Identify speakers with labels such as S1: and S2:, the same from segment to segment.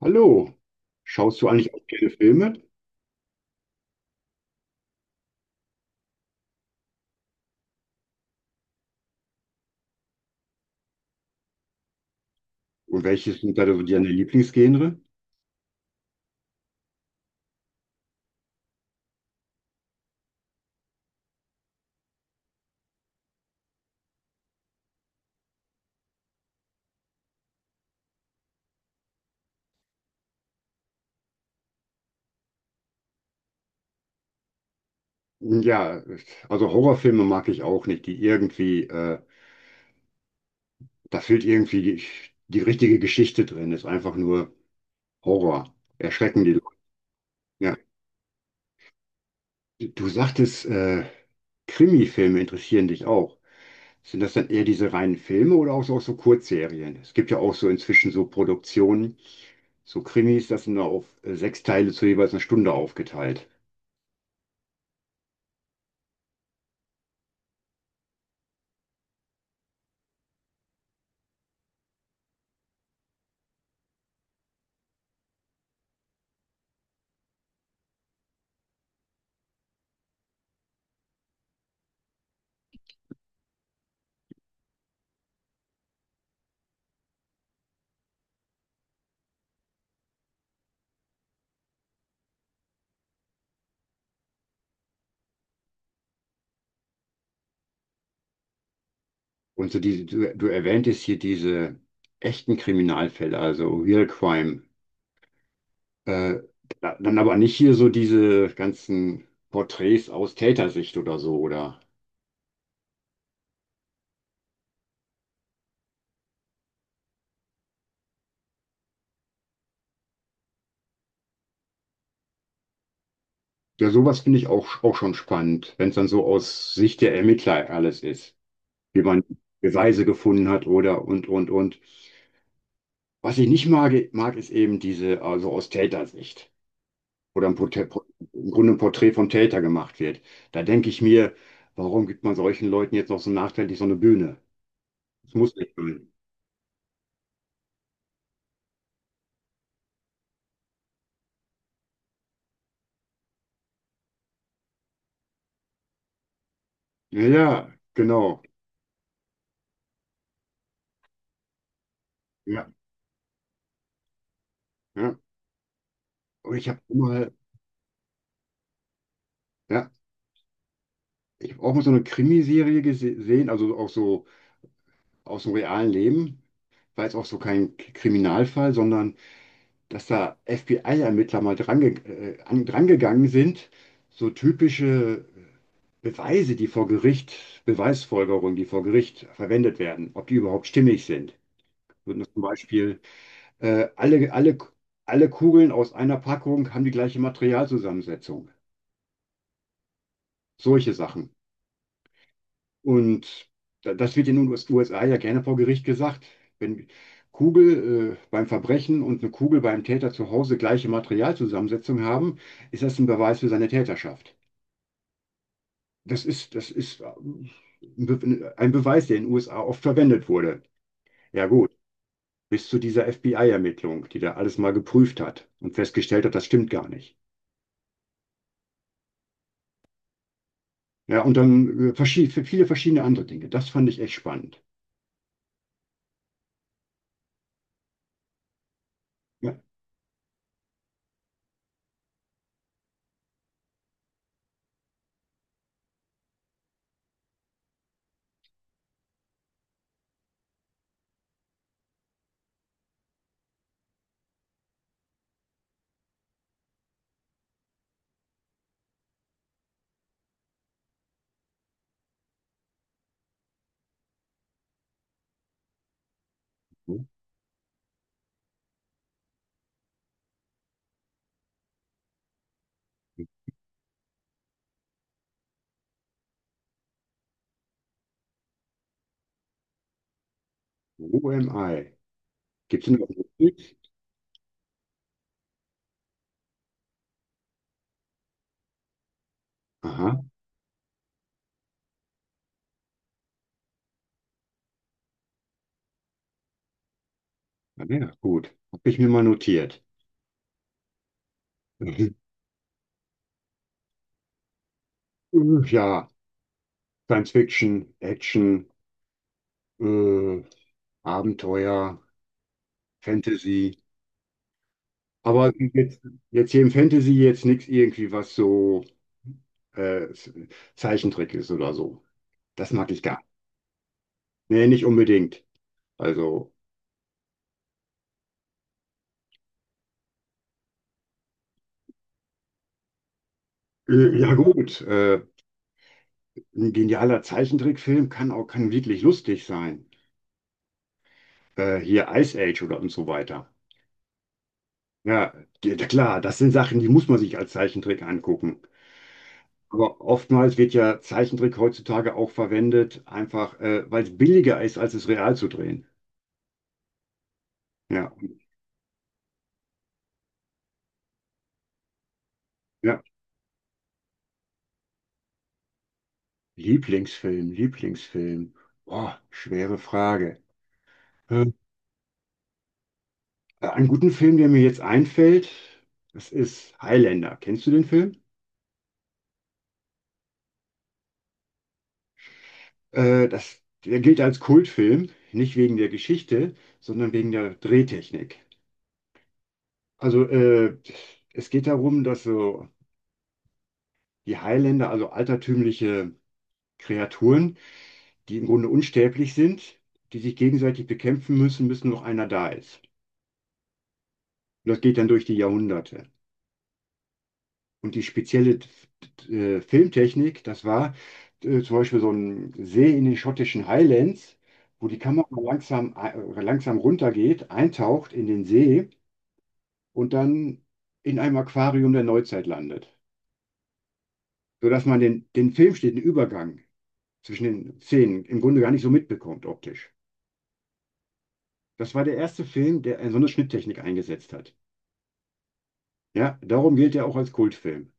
S1: Hallo, schaust du eigentlich auch gerne Filme? Und welches sind da so deine Lieblingsgenre? Ja, also Horrorfilme mag ich auch nicht, die irgendwie, da fehlt irgendwie die, die richtige Geschichte drin, ist einfach nur Horror, erschrecken die Leute. Ja. Du sagtest, Krimi-Filme interessieren dich auch. Sind das dann eher diese reinen Filme oder auch so Kurzserien? Es gibt ja auch so inzwischen so Produktionen, so Krimis, das sind da auf sechs Teile zu jeweils einer Stunde aufgeteilt. Und so diese, du erwähntest hier diese echten Kriminalfälle, also Real Crime. Äh, Dann aber nicht hier so diese ganzen Porträts aus Tätersicht oder so, oder? Ja, sowas finde ich auch, auch schon spannend, wenn es dann so aus Sicht der Ermittler alles ist, wie man Beweise gefunden hat oder und. Was ich nicht mag ist eben diese, also aus Tätersicht. Oder ein Porträt, im Grunde ein Porträt vom Täter gemacht wird. Da denke ich mir, warum gibt man solchen Leuten jetzt noch so nachträglich so eine Bühne? Das muss nicht sein. Ja, ja, genau. Ja, ja. Und ja, ich habe auch mal so eine Krimiserie gesehen, also auch so aus dem realen Leben. War jetzt auch so kein Kriminalfall, sondern dass da FBI-Ermittler mal drangegangen sind. So typische Beweise, die vor Gericht, Beweisfolgerungen, die vor Gericht verwendet werden, ob die überhaupt stimmig sind. Würden das zum Beispiel äh, alle, alle, alle Kugeln aus einer Packung haben die gleiche Materialzusammensetzung. Solche Sachen. Und das wird in den USA ja gerne vor Gericht gesagt. Wenn Kugel beim Verbrechen und eine Kugel beim Täter zu Hause gleiche Materialzusammensetzung haben, ist das ein Beweis für seine Täterschaft. Das ist ein Beweis, der in den USA oft verwendet wurde. Ja gut, bis zu dieser FBI-Ermittlung, die da alles mal geprüft hat und festgestellt hat, das stimmt gar nicht. Ja, und dann viele verschiedene andere Dinge. Das fand ich echt spannend. Ja. OMI. Gibt es noch eine Notiz? Aha, ah, ja, gut. Habe ich mir mal notiert. Mhm. Ja, Science Fiction, Action, äh, Abenteuer, Fantasy. Aber jetzt hier im Fantasy jetzt nichts irgendwie, was so äh, Zeichentrick ist oder so. Das mag ich gar nicht. Nee, nicht unbedingt. Also, ja gut, ein genialer Zeichentrickfilm kann wirklich lustig sein. Hier Ice Age oder und so weiter. Ja, die- klar, das sind Sachen, die muss man sich als Zeichentrick angucken. Aber oftmals wird ja Zeichentrick heutzutage auch verwendet, einfach weil es billiger ist, als es real zu drehen. Ja, ja. Lieblingsfilm, Lieblingsfilm. Boah, schwere Frage. Ähm, Einen guten Film, der mir jetzt einfällt, das ist Highlander. Kennst du den Film? Der gilt als Kultfilm, nicht wegen der Geschichte, sondern wegen der Drehtechnik. Also es geht darum, dass so die Highlander, also altertümliche Kreaturen, die im Grunde unsterblich sind, die sich gegenseitig bekämpfen müssen, bis nur noch einer da ist. Und das geht dann durch die Jahrhunderte. Und die spezielle Filmtechnik, das war zum Beispiel so ein See in den schottischen Highlands, wo die Kamera langsam runtergeht, eintaucht in den See und dann in einem Aquarium der Neuzeit landet. Sodass man den, den filmsteten Übergang zwischen den Szenen im Grunde gar nicht so mitbekommt optisch. Das war der erste Film, der so eine Schnitttechnik eingesetzt hat. Ja, darum gilt er auch als Kultfilm.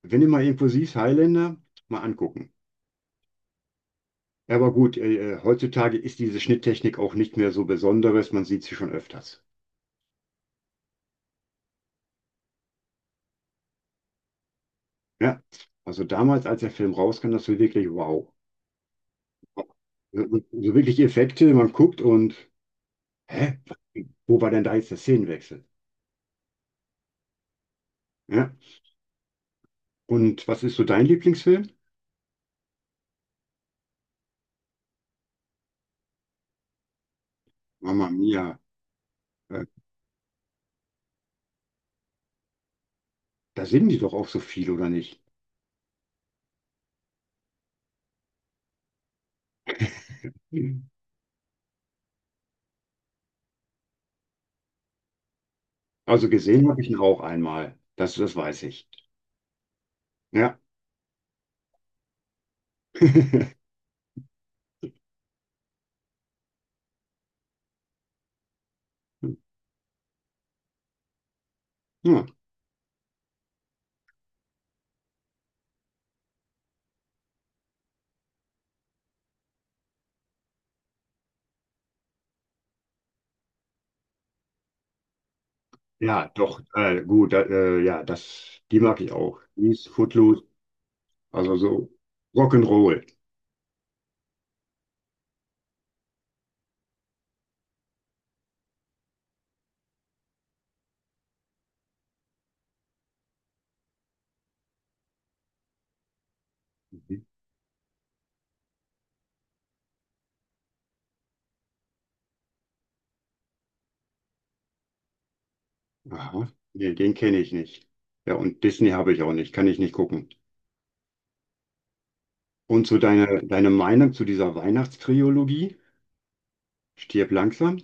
S1: Wenn ihr mal Impulsiv Highlander mal angucken. Ja, aber gut, heutzutage ist diese Schnitttechnik auch nicht mehr so Besonderes, man sieht sie schon öfters. Ja, also damals, als der Film rauskam, das war wirklich wow. So, so wirklich Effekte, man guckt und, hä, wo war denn da jetzt der Szenenwechsel? Ja, und was ist so dein Lieblingsfilm? Mama Mia, äh, da sind die doch auch so viel, oder nicht? Hm. Also gesehen habe ich ihn auch einmal, das weiß ich. Ja. Ja. Ja, doch, ja, das, die mag ich auch. Die ist Footloose, also so Rock'n'Roll. Mhm. Aha, nee, den kenne ich nicht. Ja, und Disney habe ich auch nicht, kann ich nicht gucken. Und zu deine Meinung zu dieser Weihnachtstrilogie? Stirb langsam?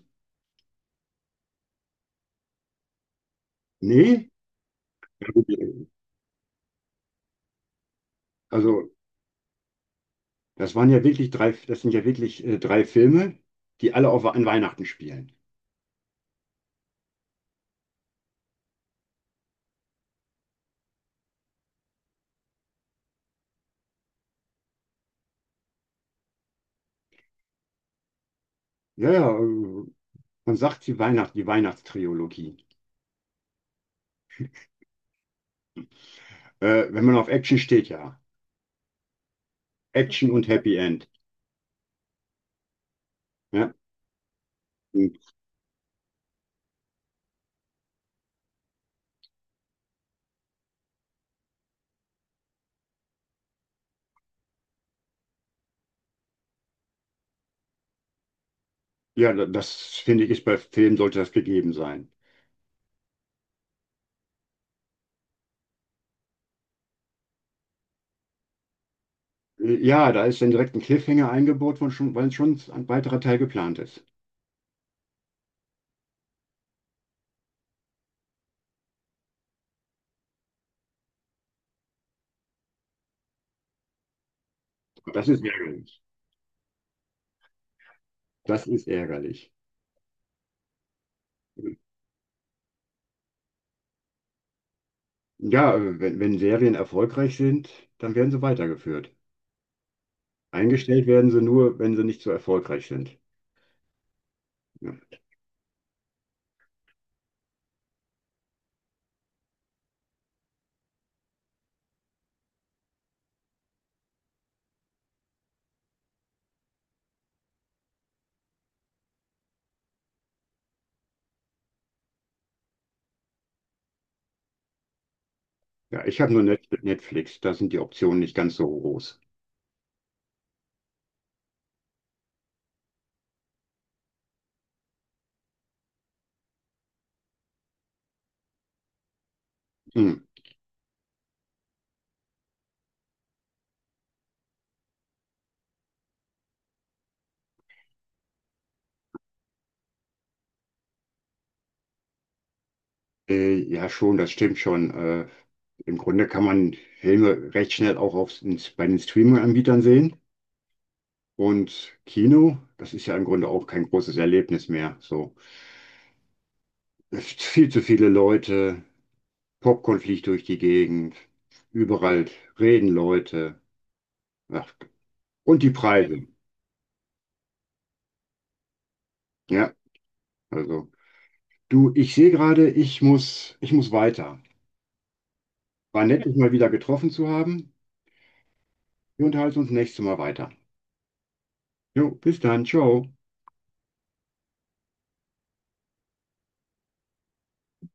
S1: Nee? Ja, gut, also, das waren ja wirklich drei, das sind ja wirklich drei Filme, die alle auf, an Weihnachten spielen. Ja, ja, man sagt sie Weihnacht, die Weihnachtstrilogie. Wenn man auf Action steht, ja. Action und Happy End. Ja, und ja, das finde ich, ist bei Filmen sollte das gegeben sein. Ja, da ist dann direkt ein Cliffhanger eingebaut, weil schon ein weiterer Teil geplant ist. Das ist ärgerlich. Das ist ärgerlich. Ja, wenn Serien erfolgreich sind, dann werden sie weitergeführt. Eingestellt werden sie nur, wenn sie nicht so erfolgreich sind. Ja, ja ich habe nur Netflix, da sind die Optionen nicht ganz so groß. Hm. Ja, schon, das stimmt schon. Im Grunde kann man Filme recht schnell bei den Streaming-Anbietern sehen. Und Kino, das ist ja im Grunde auch kein großes Erlebnis mehr. So, es ist viel zu viele Leute, Popcorn fliegt durch die Gegend, überall reden Leute. Ach, und die Preise. Ja, also du, ich sehe gerade, ich muss weiter. War nett, dich mal wieder getroffen zu haben. Wir unterhalten uns nächstes Mal weiter. Jo, bis dann, ciao.